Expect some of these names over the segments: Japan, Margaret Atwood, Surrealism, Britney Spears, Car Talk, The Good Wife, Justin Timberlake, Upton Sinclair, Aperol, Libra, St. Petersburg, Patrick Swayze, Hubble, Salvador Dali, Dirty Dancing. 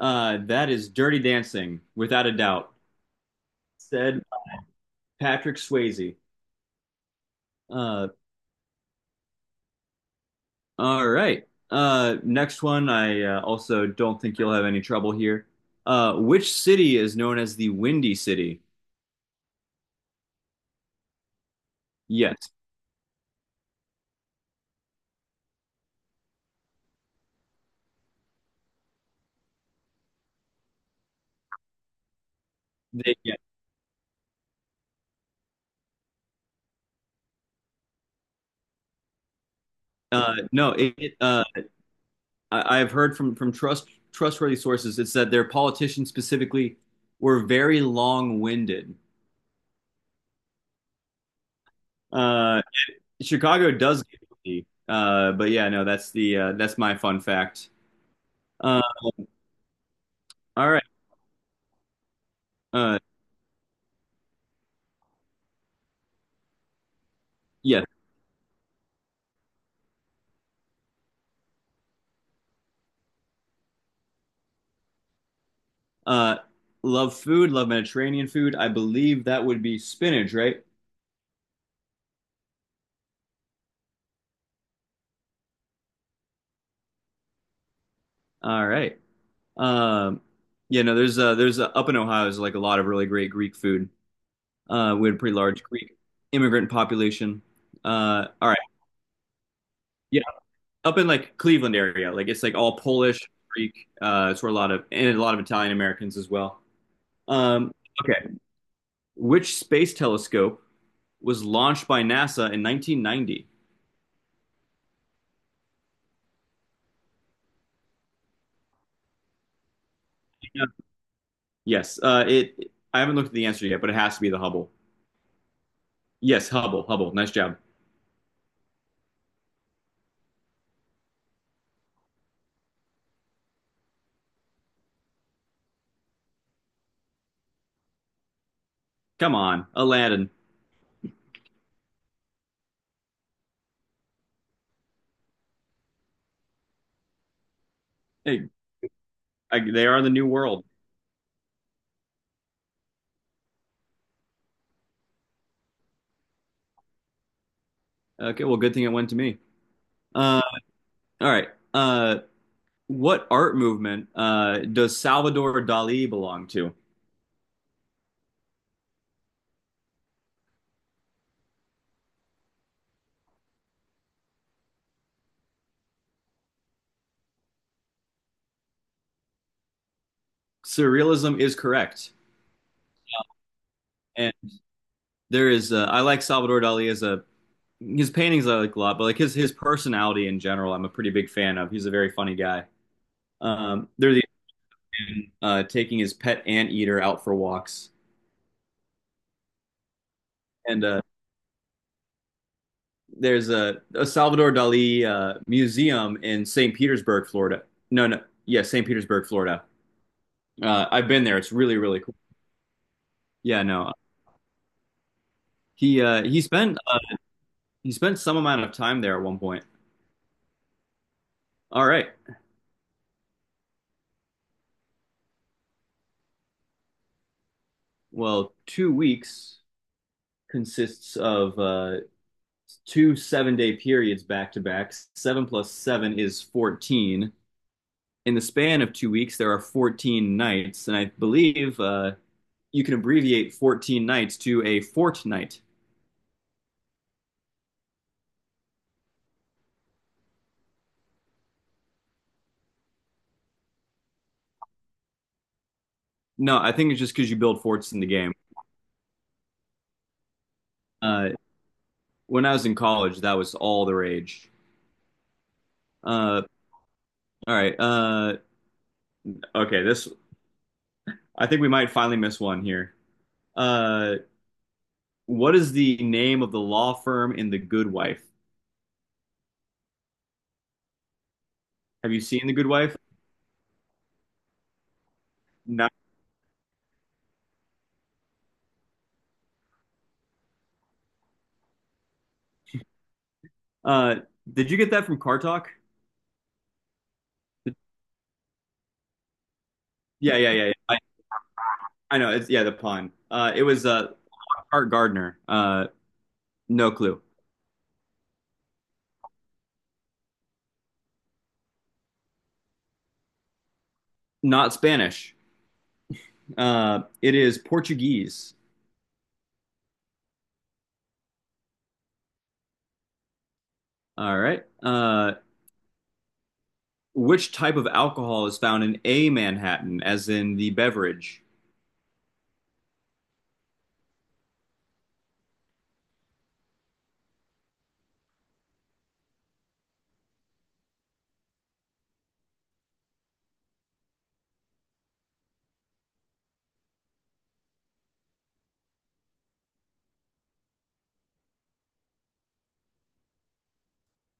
That is Dirty Dancing, without a doubt, said Patrick Swayze. Uh, all right. Next one, I also don't think you'll have any trouble here. Which city is known as the Windy City? Yes. They, yeah. No, I've heard from, trust, trustworthy sources, it's that their politicians specifically were very long winded. Uh, Chicago does get windy. But yeah, no, that's my fun fact. Uh, all right. Uh, yes. Uh, love food, love Mediterranean food. I believe that would be spinach, right? All right. Um, yeah, no, there's up in Ohio there's like a lot of really great Greek food. We had a pretty large Greek immigrant population. All right. Yeah, up in like Cleveland area, like it's like all Polish, Greek. It's where a lot of Italian Americans as well. Um, okay. Which space telescope was launched by NASA in 1990? Yes. It. I haven't looked at the answer yet, but it has to be the Hubble. Yes, Hubble. Hubble. Nice job. Come on, Aladdin. Hey, they are the new world. Okay. Well, good thing it went to me. Uh, all right. What art movement does Salvador Dali belong to? Surrealism is correct, and there is. I like Salvador Dali as a his paintings I like a lot, but like his personality in general, I'm a pretty big fan of. He's a very funny guy. Are the taking his pet anteater out for walks, and there's a Salvador Dali museum in St. Petersburg, Florida. No, no, yeah, St. Petersburg, Florida. I've been there. It's really, really cool. Yeah, no, he uh, he spent uh, he spent some amount of time there at one point. All right. Well, 2 weeks consists of 2 seven-day periods back to back. Seven plus seven is 14. In the span of 2 weeks, there are 14 nights, and I believe you can abbreviate 14 nights to a fortnight. No, I think it's just because you build forts in the game. Uh, when I was in college, that was all the rage. Uh, all right. Okay, this I think we might finally miss one here. Uh, what is the name of the law firm in The Good Wife? Have you seen The Good Wife? No. Uh, did you get that from Car Talk? Did- Yeah, yeah, yeah, yeah. I know. It's, yeah, the pun. It was Art Gardner. No clue. Not Spanish. It is Portuguese. All right. Which type of alcohol is found in a Manhattan, as in the beverage?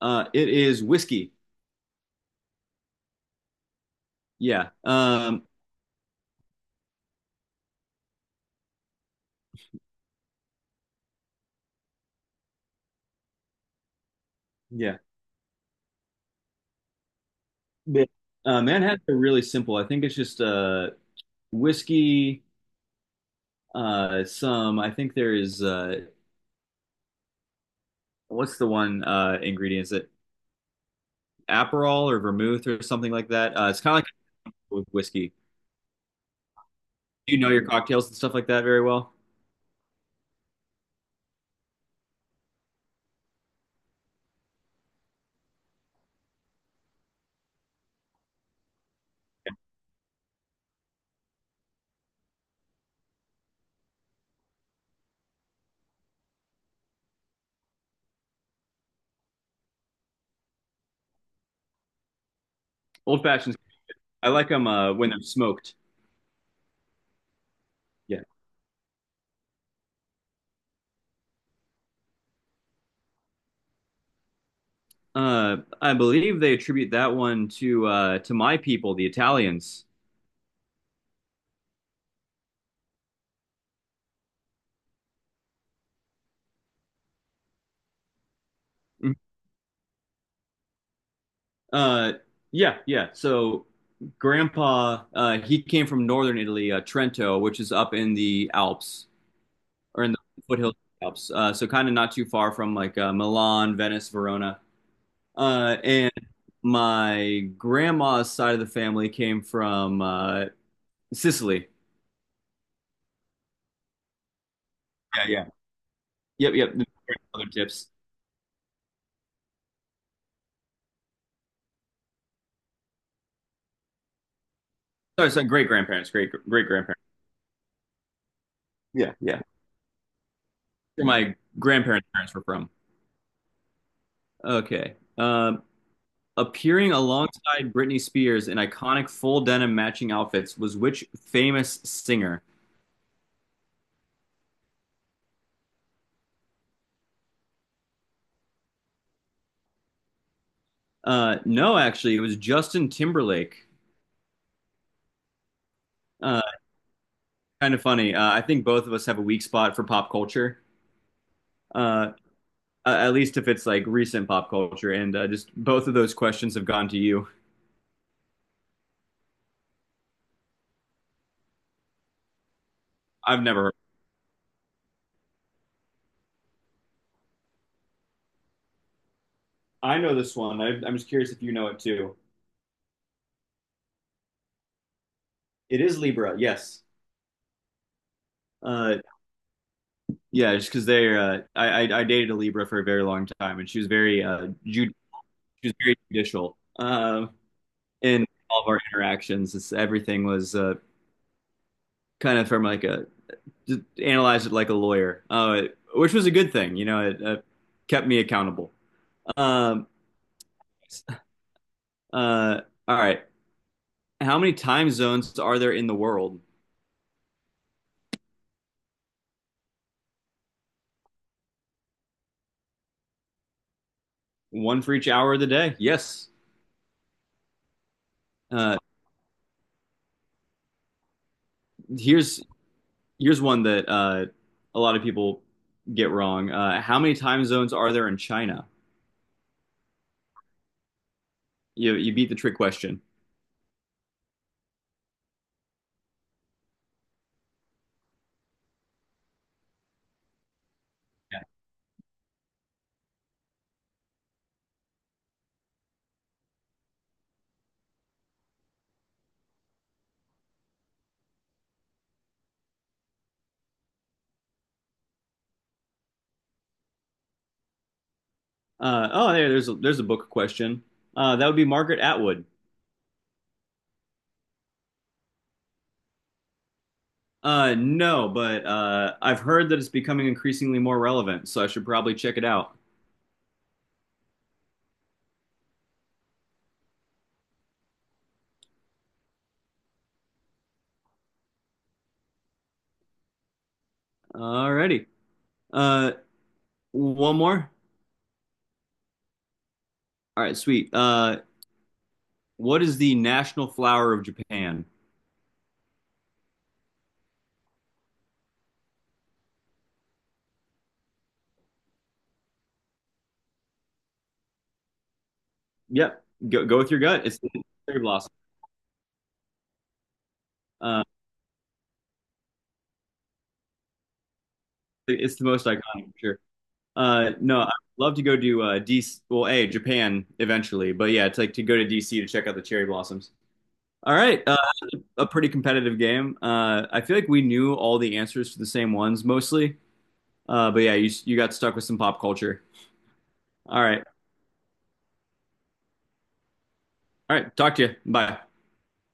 It is whiskey. Yeah. Yeah. Yeah. Manhattans are really simple. I think it's just whiskey, I think there is, what's the one ingredient? Is it Aperol or vermouth or something like that? It's kind of like with whiskey. You know your cocktails and stuff like that very well? Old fashions. I like them when they're smoked. Yeah. I believe they attribute that one to my people, the Italians. Uh, yeah, yeah. So Grandpa, he came from northern Italy, Trento, which is up in the Alps or in the foothills of the Alps. So kind of not too far from Milan, Venice, Verona. And my grandma's side of the family came from Sicily. Yeah, yeah. Yep, yep. Other tips. Sorry, sorry. Great grandparents. Great, great grandparents. Yeah, yeah. Where my grandparents' parents were from. Okay. Appearing alongside Britney Spears in iconic full denim matching outfits was which famous singer? No, actually, it was Justin Timberlake. Uh, kind of funny. I think both of us have a weak spot for pop culture. Uh, at least if it's like recent pop culture, and just both of those questions have gone to you. I've never. Heard. I know this one. I'm just curious if you know it too. It is Libra. Yes. Uh, Yeah, just because they're I dated a Libra for a very long time, and she was very judicial in all of our interactions. It's, everything was kind of from like a just analyzed it like a lawyer, which was a good thing. You know, it kept me accountable. Um, uh, all right. How many time zones are there in the world? One for each hour of the day. Yes. Uh, here's Here's one that a lot of people get wrong. How many time zones are there in China? You beat the trick question. There's a book question. That would be Margaret Atwood. No, but I've heard that it's becoming increasingly more relevant, so I should probably check it out. Alrighty. Uh, one more. All right, sweet. What is the national flower of Japan? Yep, go with your gut. It's the cherry blossom. Uh, it's the most iconic, for sure. No, I'd love to go to DC. Well, a Japan eventually, but yeah, it's like to go to DC to check out the cherry blossoms. All right. A pretty competitive game. I feel like we knew all the answers to the same ones mostly. But yeah, you got stuck with some pop culture. All right, all right. Talk to you. Bye.